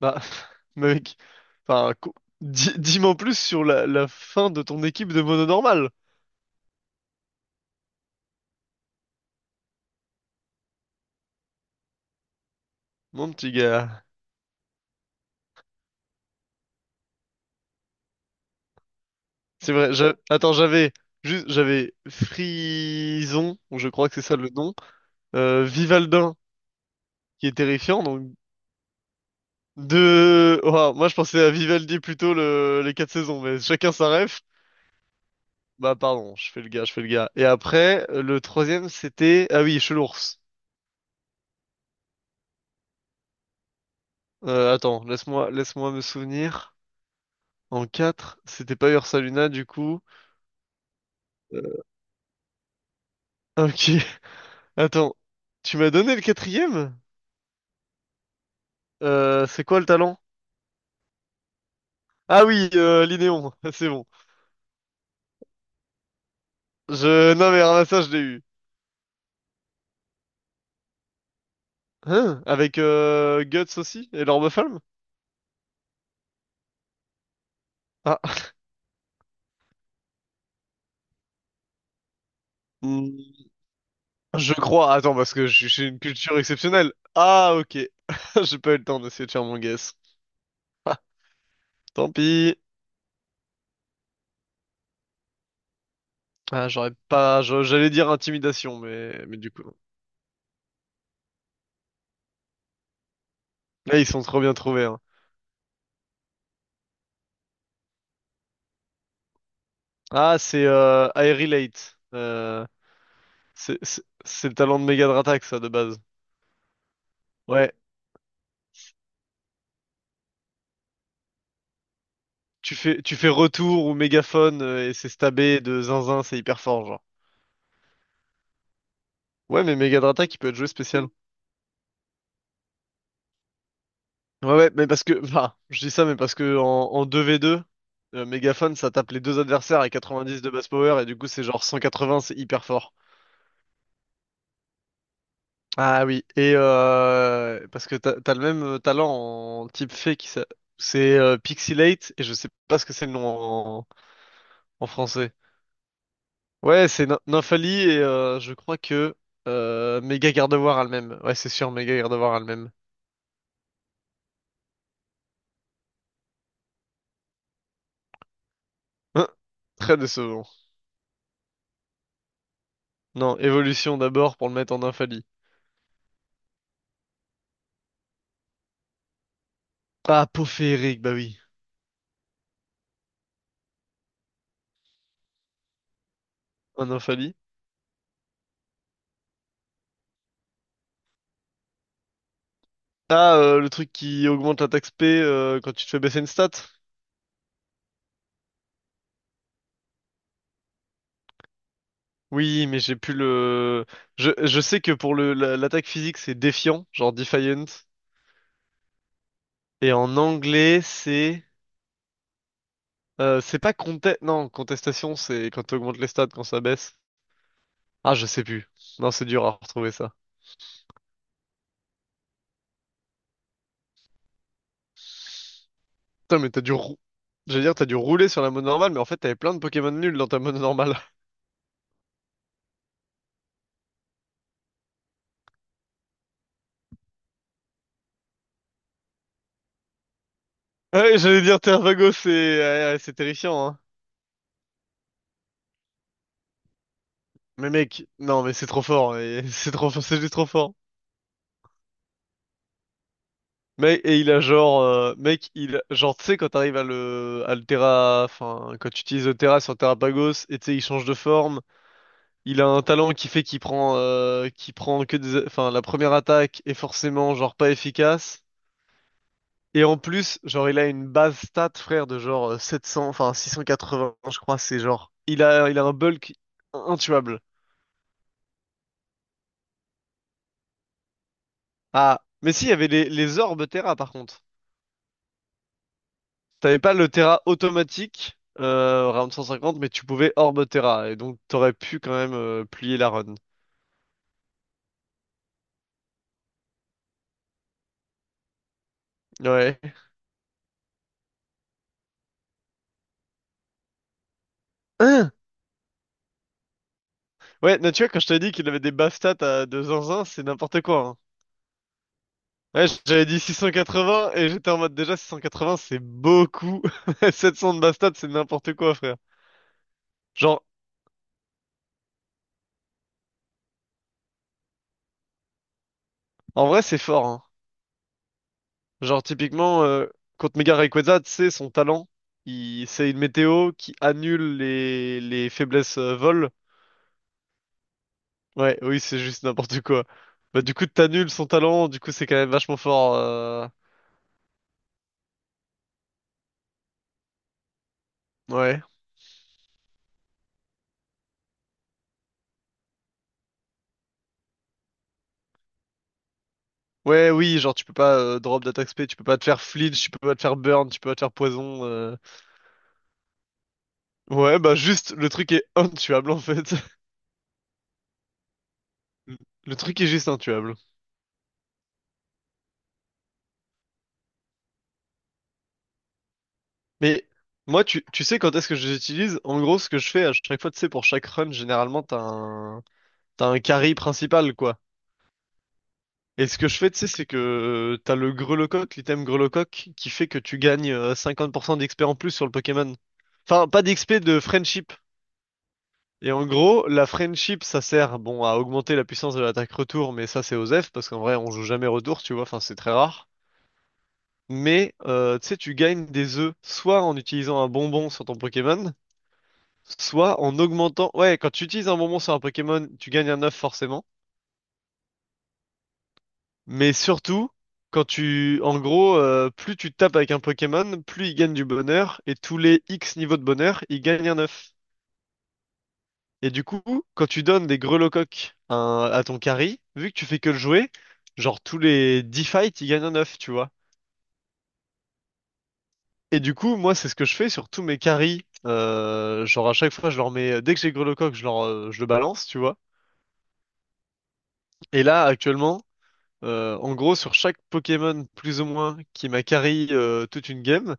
Bah, mec, enfin, dis-moi en plus sur la fin de ton équipe de mono normal, mon petit gars. C'est vrai, attends, j'avais Frison, je crois que c'est ça le nom, Vivaldin, qui est terrifiant. Ouah, moi je pensais à Vivaldi, plutôt les quatre saisons, mais chacun sa ref. Bah pardon, je fais le gars, je fais le gars. Et après, le troisième c'était... Ah oui, Chelours. Attends, laisse-moi me souvenir. En 4, c'était pas Ursa Luna, du coup. Euh, Ok, attends. Tu m'as donné le quatrième? C'est quoi le talent? Ah oui, Linéon, c'est bon. Non, mais alors là, ça, je l'ai eu. Hein? Avec Guts aussi? Et l'Orbe-Flamme? Ah, hmm, je crois. Attends, parce que j'ai une culture exceptionnelle. Ah, ok. J'ai pas eu le temps d'essayer de faire mon guess. Ah, tant pis. Ah, j'aurais pas... j'allais dire intimidation, mais du coup... non. Là, ils sont trop bien trouvés, hein. Ah, c'est I Relate. C'est le talent de Megadratax, ça, de base. Ouais, tu fais retour ou mégaphone et c'est stabé de zinzin, c'est hyper fort, genre. Ouais, mais Megadratax, il peut être joué spécial. Ouais, ouais, mais parce que, bah, je dis ça, mais parce que en 2v2, mégaphone, ça tape les deux adversaires à 90 de base power et du coup, c'est genre 180, c'est hyper fort. Ah oui, et parce que t'as le même talent en type fée, c'est Pixelate, et je sais pas ce que c'est le nom en, français. Ouais, c'est Nymphalie, et je crois que Méga Gardevoir a le même. Ouais, c'est sûr, Méga Gardevoir a le même. Hein, très décevant. Non, évolution d'abord pour le mettre en Nymphalie. Ah, peau féerique, bah oui. En Nymphalie. Ah, le truc qui augmente l'attaque spé quand tu te fais baisser une stat. Oui, mais j'ai plus le... Je sais que pour l'attaque physique, c'est défiant, genre Defiant. Et en anglais, c'est pas contest... Non, contestation, c'est quand tu augmentes les stats, quand ça baisse. Ah, je sais plus. Non, c'est dur à retrouver, ça. Putain, mais t'as dû rou... J'allais dire, t'as dû rouler sur la mode normale, mais en fait, t'avais plein de Pokémon nuls dans ta mode normale. Ouais, j'allais dire Tervago, c'est ouais, ouais, c'est terrifiant, hein. Mais mec, non, mais c'est trop fort, et c'est trop fort, c'est juste trop fort. Mec, et il a genre, mec, il, genre, tu sais, quand t'arrives à le, Terra, enfin, quand tu utilises le Terra sur Terrapagos, et tu sais, il change de forme, il a un talent qui fait qu'il prend, que des, enfin, la première attaque est forcément, genre, pas efficace. Et en plus, genre, il a une base stat, frère, de genre 700, enfin 680, je crois, c'est genre. Il a un bulk intuable. Ah, mais si, il y avait les, orbes Terra, par contre. T'avais pas le Terra automatique, round 150, mais tu pouvais orbe Terra, et donc t'aurais pu quand même plier la run. Ouais. Hein, ouais, mais tu vois, quand je t'ai dit qu'il avait des bases stats à 2 zinzin, c'est n'importe quoi, hein. Ouais, j'avais dit 680 et j'étais en mode déjà 680 c'est beaucoup. 700 de base stats, c'est n'importe quoi, frère. Genre, en vrai, c'est fort, hein. Genre, typiquement, contre Mega Rayquaza, tu sais, son talent, il... c'est une météo qui annule les, faiblesses vol. Ouais, oui, c'est juste n'importe quoi. Bah, du coup, t'annules son talent, du coup, c'est quand même vachement fort. Ouais. Ouais, oui, genre, tu peux pas drop d'attaque spé, tu peux pas te faire flinch, tu peux pas te faire burn, tu peux pas te faire poison. Ouais, bah, juste, le truc est intuable, en fait. Le truc est juste intuable. Mais moi, tu sais quand est-ce que je les utilise? En gros, ce que je fais à chaque fois, tu sais, pour chaque run, généralement, t'as un carry principal, quoi. Et ce que je fais, tu sais, c'est que t'as le grelocoq, l'item grelocoq, qui fait que tu gagnes 50% d'XP en plus sur le Pokémon. Enfin, pas d'XP, de friendship. Et en gros, la friendship, ça sert, bon, à augmenter la puissance de l'attaque retour, mais ça, c'est aux F, parce qu'en vrai, on joue jamais retour, tu vois, enfin, c'est très rare. Mais, tu sais, tu gagnes des œufs, soit en utilisant un bonbon sur ton Pokémon, soit en augmentant... Ouais, quand tu utilises un bonbon sur un Pokémon, tu gagnes un œuf forcément. Mais surtout, quand tu... En gros, plus tu tapes avec un Pokémon, plus il gagne du bonheur. Et tous les X niveaux de bonheur, il gagne un œuf. Et du coup, quand tu donnes des grelocoques à, un- à ton carry, vu que tu fais que le jouer, genre tous les 10 fights, il gagne un œuf, tu vois. Et du coup, moi, c'est ce que je fais sur tous mes carries. Genre, à chaque fois, je leur mets... Dès que j'ai grelocoque, je leur... je le balance, tu vois. Et là, actuellement... en gros, sur chaque Pokémon plus ou moins qui m'a carry toute une game,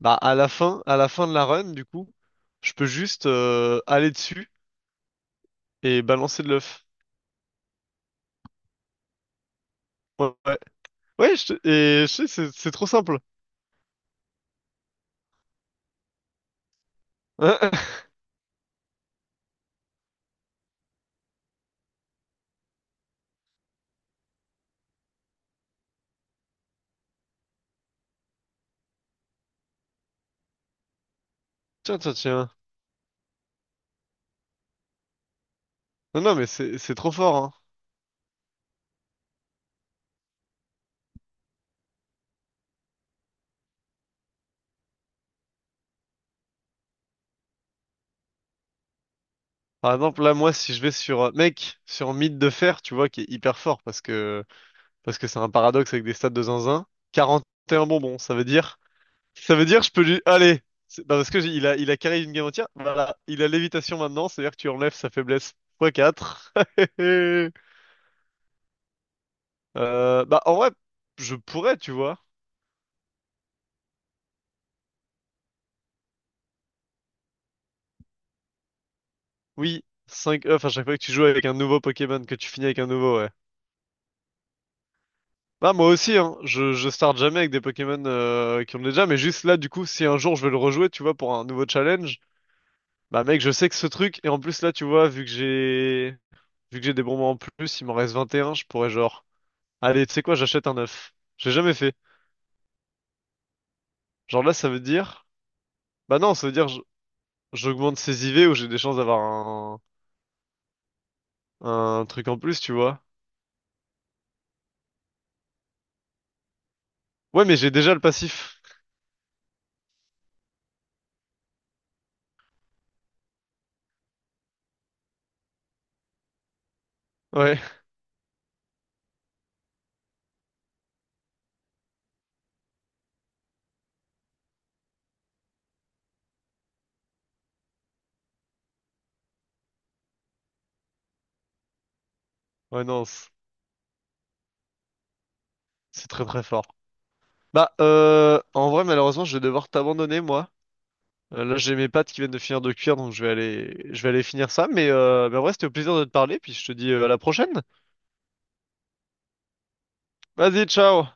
bah à la fin de la run, du coup, je peux juste aller dessus et balancer de l'œuf. Ouais, ouais, ouais, et je sais, c'est trop simple. Hein. Tiens, tiens, tiens. Non, non, mais c'est trop fort, hein. Par exemple, là, moi, si je vais sur, mec, sur Mythe de Fer, tu vois, qui est hyper fort parce que c'est un paradoxe avec des stats de zinzin, 41 bonbons, ça veut dire je peux lui... Allez! Non, parce que il a carré une game entière. Voilà, il a lévitation maintenant, c'est-à-dire que tu enlèves sa faiblesse x quatre. Bah en vrai, je pourrais, tu vois. Oui, cinq off à chaque fois que tu joues avec un nouveau Pokémon, que tu finis avec un nouveau, ouais. Bah moi aussi, hein, je starte jamais avec des Pokémon qui ont déjà, mais juste là, du coup, si un jour je veux le rejouer, tu vois, pour un nouveau challenge, bah mec, je sais que ce truc, et en plus là, tu vois, vu que j'ai... Vu que j'ai des bonbons en plus, il m'en reste 21. Je pourrais genre... Allez, tu sais quoi, j'achète un œuf. J'ai jamais fait. Genre là, ça veut dire... Bah non, ça veut dire j'augmente ses IV ou j'ai des chances d'avoir un truc en plus, tu vois. Ouais, mais j'ai déjà le passif. Ouais. Ouais, non, c'est très très fort. Bah, en vrai, malheureusement, je vais devoir t'abandonner, moi. Là, j'ai mes pâtes qui viennent de finir de cuire, donc je vais aller... Je vais aller finir ça. Mais en vrai, c'était au plaisir de te parler, puis je te dis à la prochaine. Vas-y, ciao!